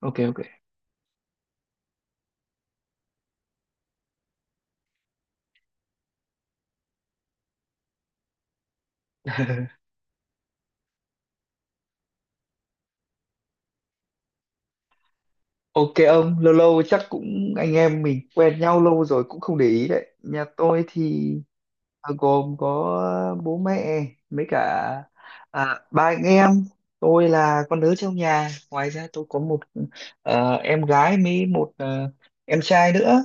OK. OK. OK ông, lâu lâu chắc cũng, anh em mình quen nhau lâu rồi cũng không để ý đấy. Nhà tôi thì gồm có bố mẹ, mấy cả ba anh em. Tôi là con lớn trong nhà, ngoài ra tôi có một em gái với một em trai nữa.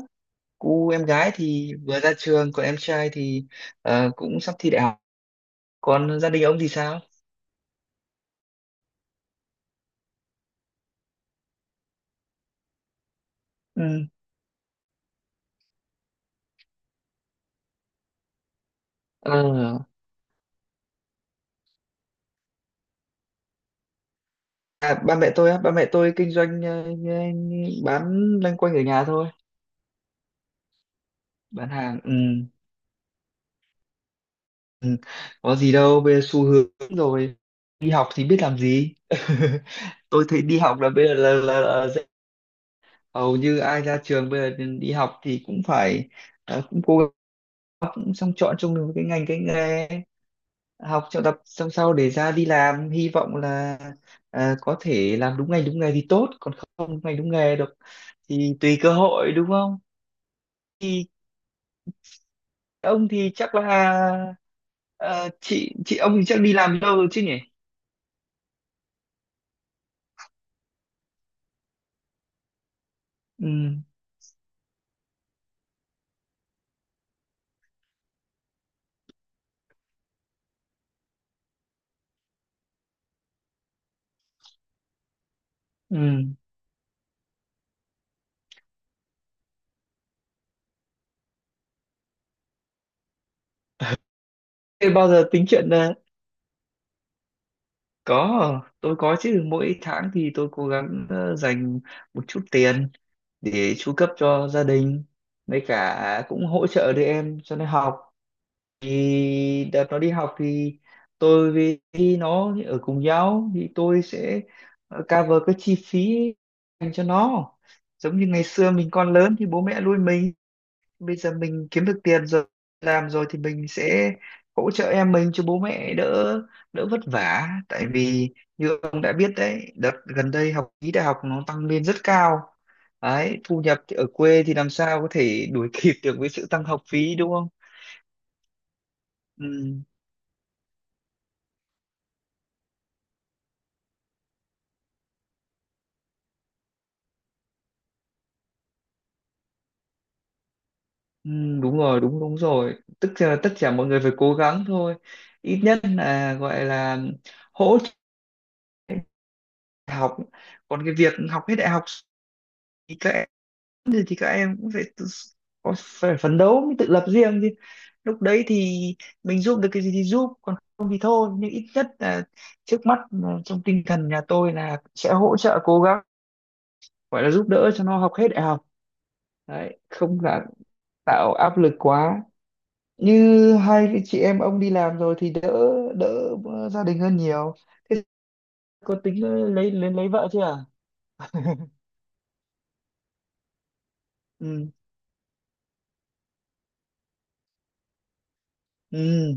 Cô em gái thì vừa ra trường, còn em trai thì cũng sắp thi đại học. Còn gia đình ông thì sao? Ừ. À, ba mẹ tôi á, ba mẹ tôi kinh doanh, bán loanh quanh ở nhà thôi, bán hàng. Ừ, có gì đâu, bây giờ xu hướng rồi. Đi học thì biết làm gì? Tôi thấy đi học là bây giờ là dễ. Hầu như ai ra trường bây giờ đi học thì cũng phải cũng cố gắng, xong chọn chung được cái ngành cái nghề, học cho tập xong sau để ra đi làm, hy vọng là có thể làm đúng ngành đúng nghề thì tốt, còn không đúng ngành đúng nghề được thì tùy cơ hội, đúng không? Ông thì chắc là chị ông thì chắc đi làm lâu rồi chứ nhỉ? Ừ. Ừ. Thế bao giờ tính chuyện có, tôi có chứ. Mỗi tháng thì tôi cố gắng dành một chút tiền để chu cấp cho gia đình, với cả cũng hỗ trợ đứa em cho nó học. Thì đợt nó đi học thì tôi với nó ở cùng nhau thì tôi sẽ cover cái chi phí dành cho nó, giống như ngày xưa mình còn lớn thì bố mẹ nuôi mình, bây giờ mình kiếm được tiền rồi, làm rồi thì mình sẽ hỗ trợ em mình cho bố mẹ đỡ đỡ vất vả, tại vì như ông đã biết đấy, đợt gần đây học phí đại học nó tăng lên rất cao. Đấy, thu nhập thì ở quê thì làm sao có thể đuổi kịp được với sự tăng học phí, đúng không? Ừ. Ừ. Đúng rồi, đúng đúng rồi. Tức là tất cả mọi người phải cố gắng thôi, ít nhất là gọi là hỗ trợ học. Còn cái việc học hết đại học thì các, thì các em cũng phải tự, phải phấn đấu mới tự lập riêng chứ. Lúc đấy thì mình giúp được cái gì thì giúp, còn không thì thôi, nhưng ít nhất là trước mắt là trong tinh thần nhà tôi là sẽ hỗ trợ cố gắng gọi là giúp đỡ cho nó học hết đại học. Đấy, không là tạo áp lực quá. Như hai cái chị em ông đi làm rồi thì đỡ, đỡ gia đình hơn nhiều. Thế có tính lấy vợ chưa à? Ừ. Ừ.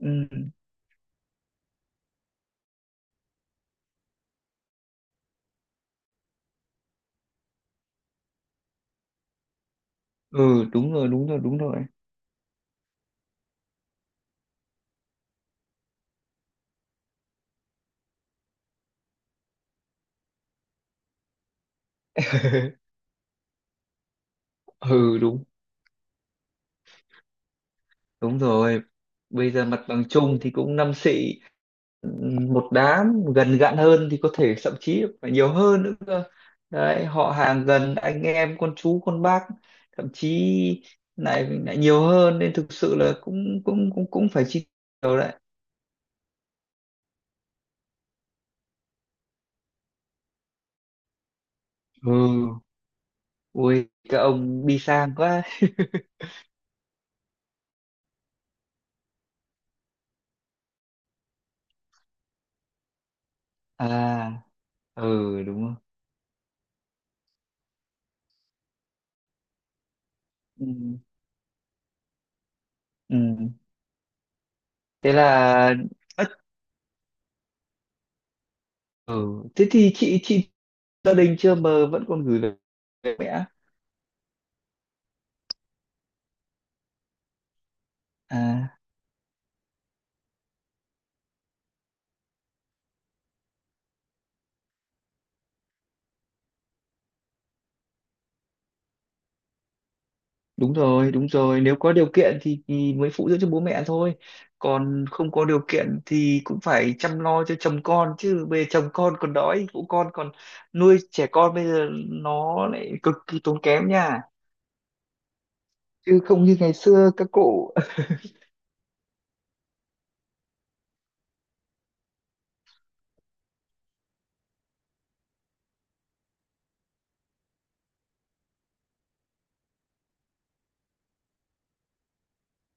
Ừ. Ừ. Đúng rồi. Đúng rồi. Đúng rồi. Ừ. Đúng. Đúng rồi. Bây giờ mặt bằng chung thì cũng năm xị, một đám gần gặn hơn thì có thể thậm chí phải nhiều hơn nữa cơ. Đấy, họ hàng gần anh em con chú con bác thậm chí lại lại nhiều hơn, nên thực sự là cũng cũng cũng cũng phải chi nhiều đấy. Ừ. Ui các ông đi sang quá. À. Ừ, đúng rồi. Ừ. Ừ. Thế là. Ừ. Thế thì chị gia đình chưa mà vẫn còn gửi về, mẹ. À, đúng rồi, đúng rồi, nếu có điều kiện thì, mới phụ dưỡng cho bố mẹ thôi, còn không có điều kiện thì cũng phải chăm lo cho chồng con chứ. Bây giờ chồng con còn đói phụ con còn nuôi trẻ con, bây giờ nó lại cực kỳ tốn kém nha, chứ không như ngày xưa các cụ.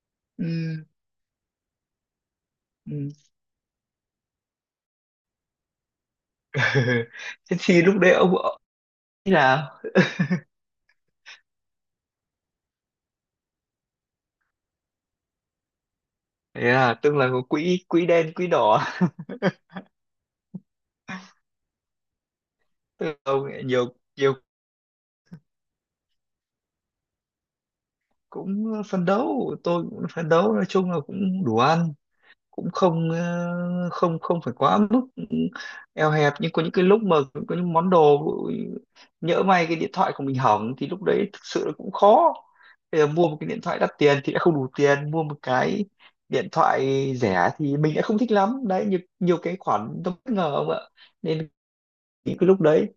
Ừ. Ừ. Thế thì lúc đấy ông thế nào? Thế là tức là có quỹ, quỹ đen quỹ đỏ. Tức là ông ấy nhiều, nhiều cũng phấn đấu, tôi cũng phấn đấu, nói chung là cũng đủ ăn, cũng không không không phải quá mức eo hẹp, nhưng có những cái lúc mà có những món đồ nhỡ may cái điện thoại của mình hỏng thì lúc đấy thực sự là cũng khó. Bây giờ mua một cái điện thoại đắt tiền thì đã không đủ tiền, mua một cái điện thoại rẻ thì mình đã không thích lắm. Đấy, nhiều cái khoản nó bất ngờ ông ạ, nên những cái lúc đấy.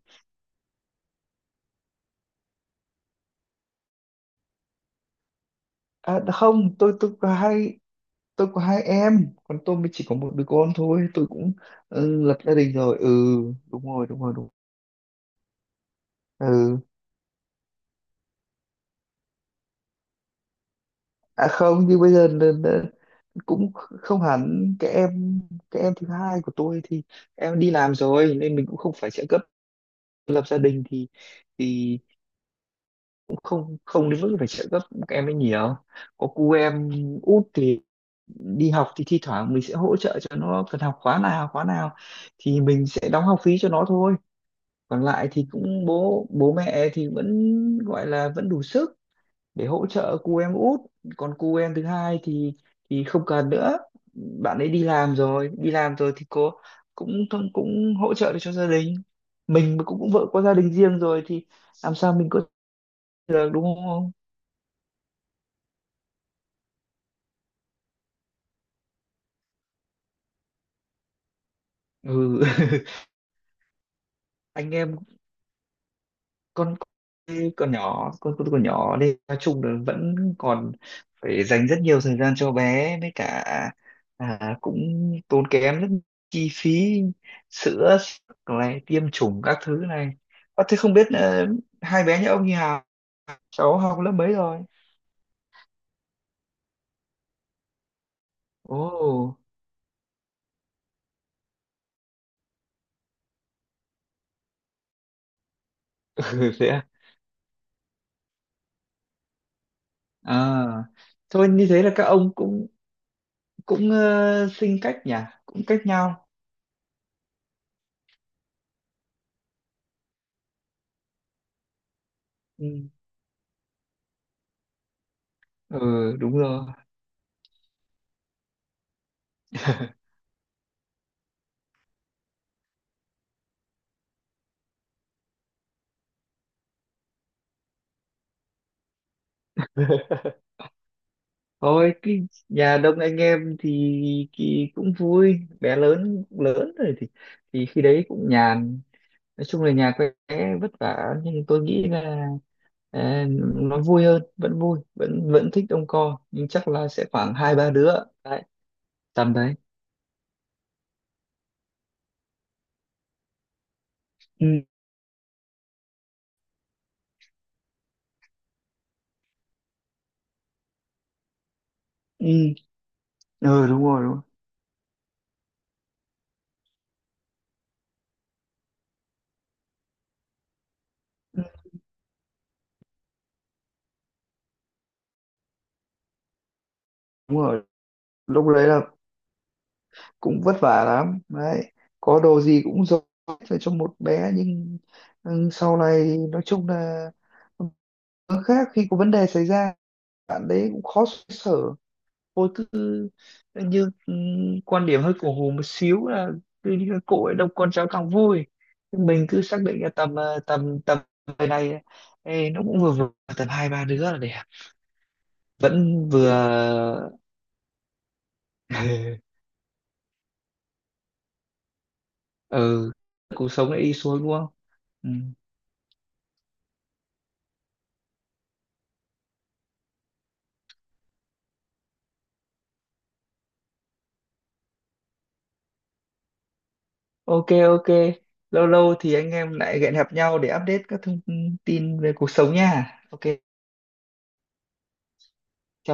À không, tôi có hai, tôi có hai em, còn tôi mới chỉ có một đứa con thôi, tôi cũng. Ừ, lập gia đình rồi. Ừ. Đúng rồi. Đúng rồi. Đúng. Ừ. À không, nhưng bây giờ là cũng không hẳn cái em, cái em thứ hai của tôi thì em đi làm rồi nên mình cũng không phải trợ cấp, lập gia đình thì thì cũng không không đến mức phải trợ cấp các em ấy nhiều. Có cu em út thì đi học thì thi thoảng mình sẽ hỗ trợ cho nó, cần học khóa nào thì mình sẽ đóng học phí cho nó thôi. Còn lại thì cũng bố bố mẹ thì vẫn gọi là vẫn đủ sức để hỗ trợ cu em út. Còn cu em thứ hai thì không cần nữa, bạn ấy đi làm rồi, thì cô cũng cũng cũng hỗ trợ được cho gia đình mình, cũng cũng vợ có gia đình riêng rồi thì làm sao mình có được, đúng không? Ừ. Anh em. con con nhỏ, con nhỏ đi, nói chung là vẫn còn phải dành rất nhiều thời gian cho bé, với cả cũng tốn kém rất chi phí, sữa sức này, tiêm chủng các thứ này. Thế không biết hai bé nhà ông như Hà cháu học lớp mấy rồi? Ồ. Thế à? À thôi, như thế là các ông cũng cũng sinh cách nhỉ, cũng cách nhau. Ừ. Ừ, đúng rồi. Thôi cái nhà đông anh em thì, cũng vui, bé lớn lớn rồi thì khi đấy cũng nhàn. Nói chung là nhà quê vất vả nhưng tôi nghĩ là à, nó vui hơn, vẫn vui, vẫn vẫn thích đông co nhưng chắc là sẽ khoảng hai ba đứa đấy, tầm đấy. Ừ. Ừ. Ừ. Đúng rồi. Đúng rồi. Ừ. Đúng rồi, lúc đấy là cũng vất vả lắm đấy, có đồ gì cũng dồn hết về cho một bé, nhưng ừ, sau này nói chung là. Nó khác khi có vấn đề xảy ra, bạn đấy cũng khó xoay sở. Vô cứ như quan điểm hơi cổ hủ một xíu là cứ như cái cội đông con cháu càng vui. Mình cứ xác định là tầm tầm tầm người này, ê, nó cũng vừa vừa, tầm hai ba đứa là đẹp, vẫn vừa. Ừ, cuộc sống lại đi xuống, đúng không? Ừ. OK. OK, lâu lâu thì anh em lại hẹn gặp nhau để update các thông tin về cuộc sống nha. OK. Chào.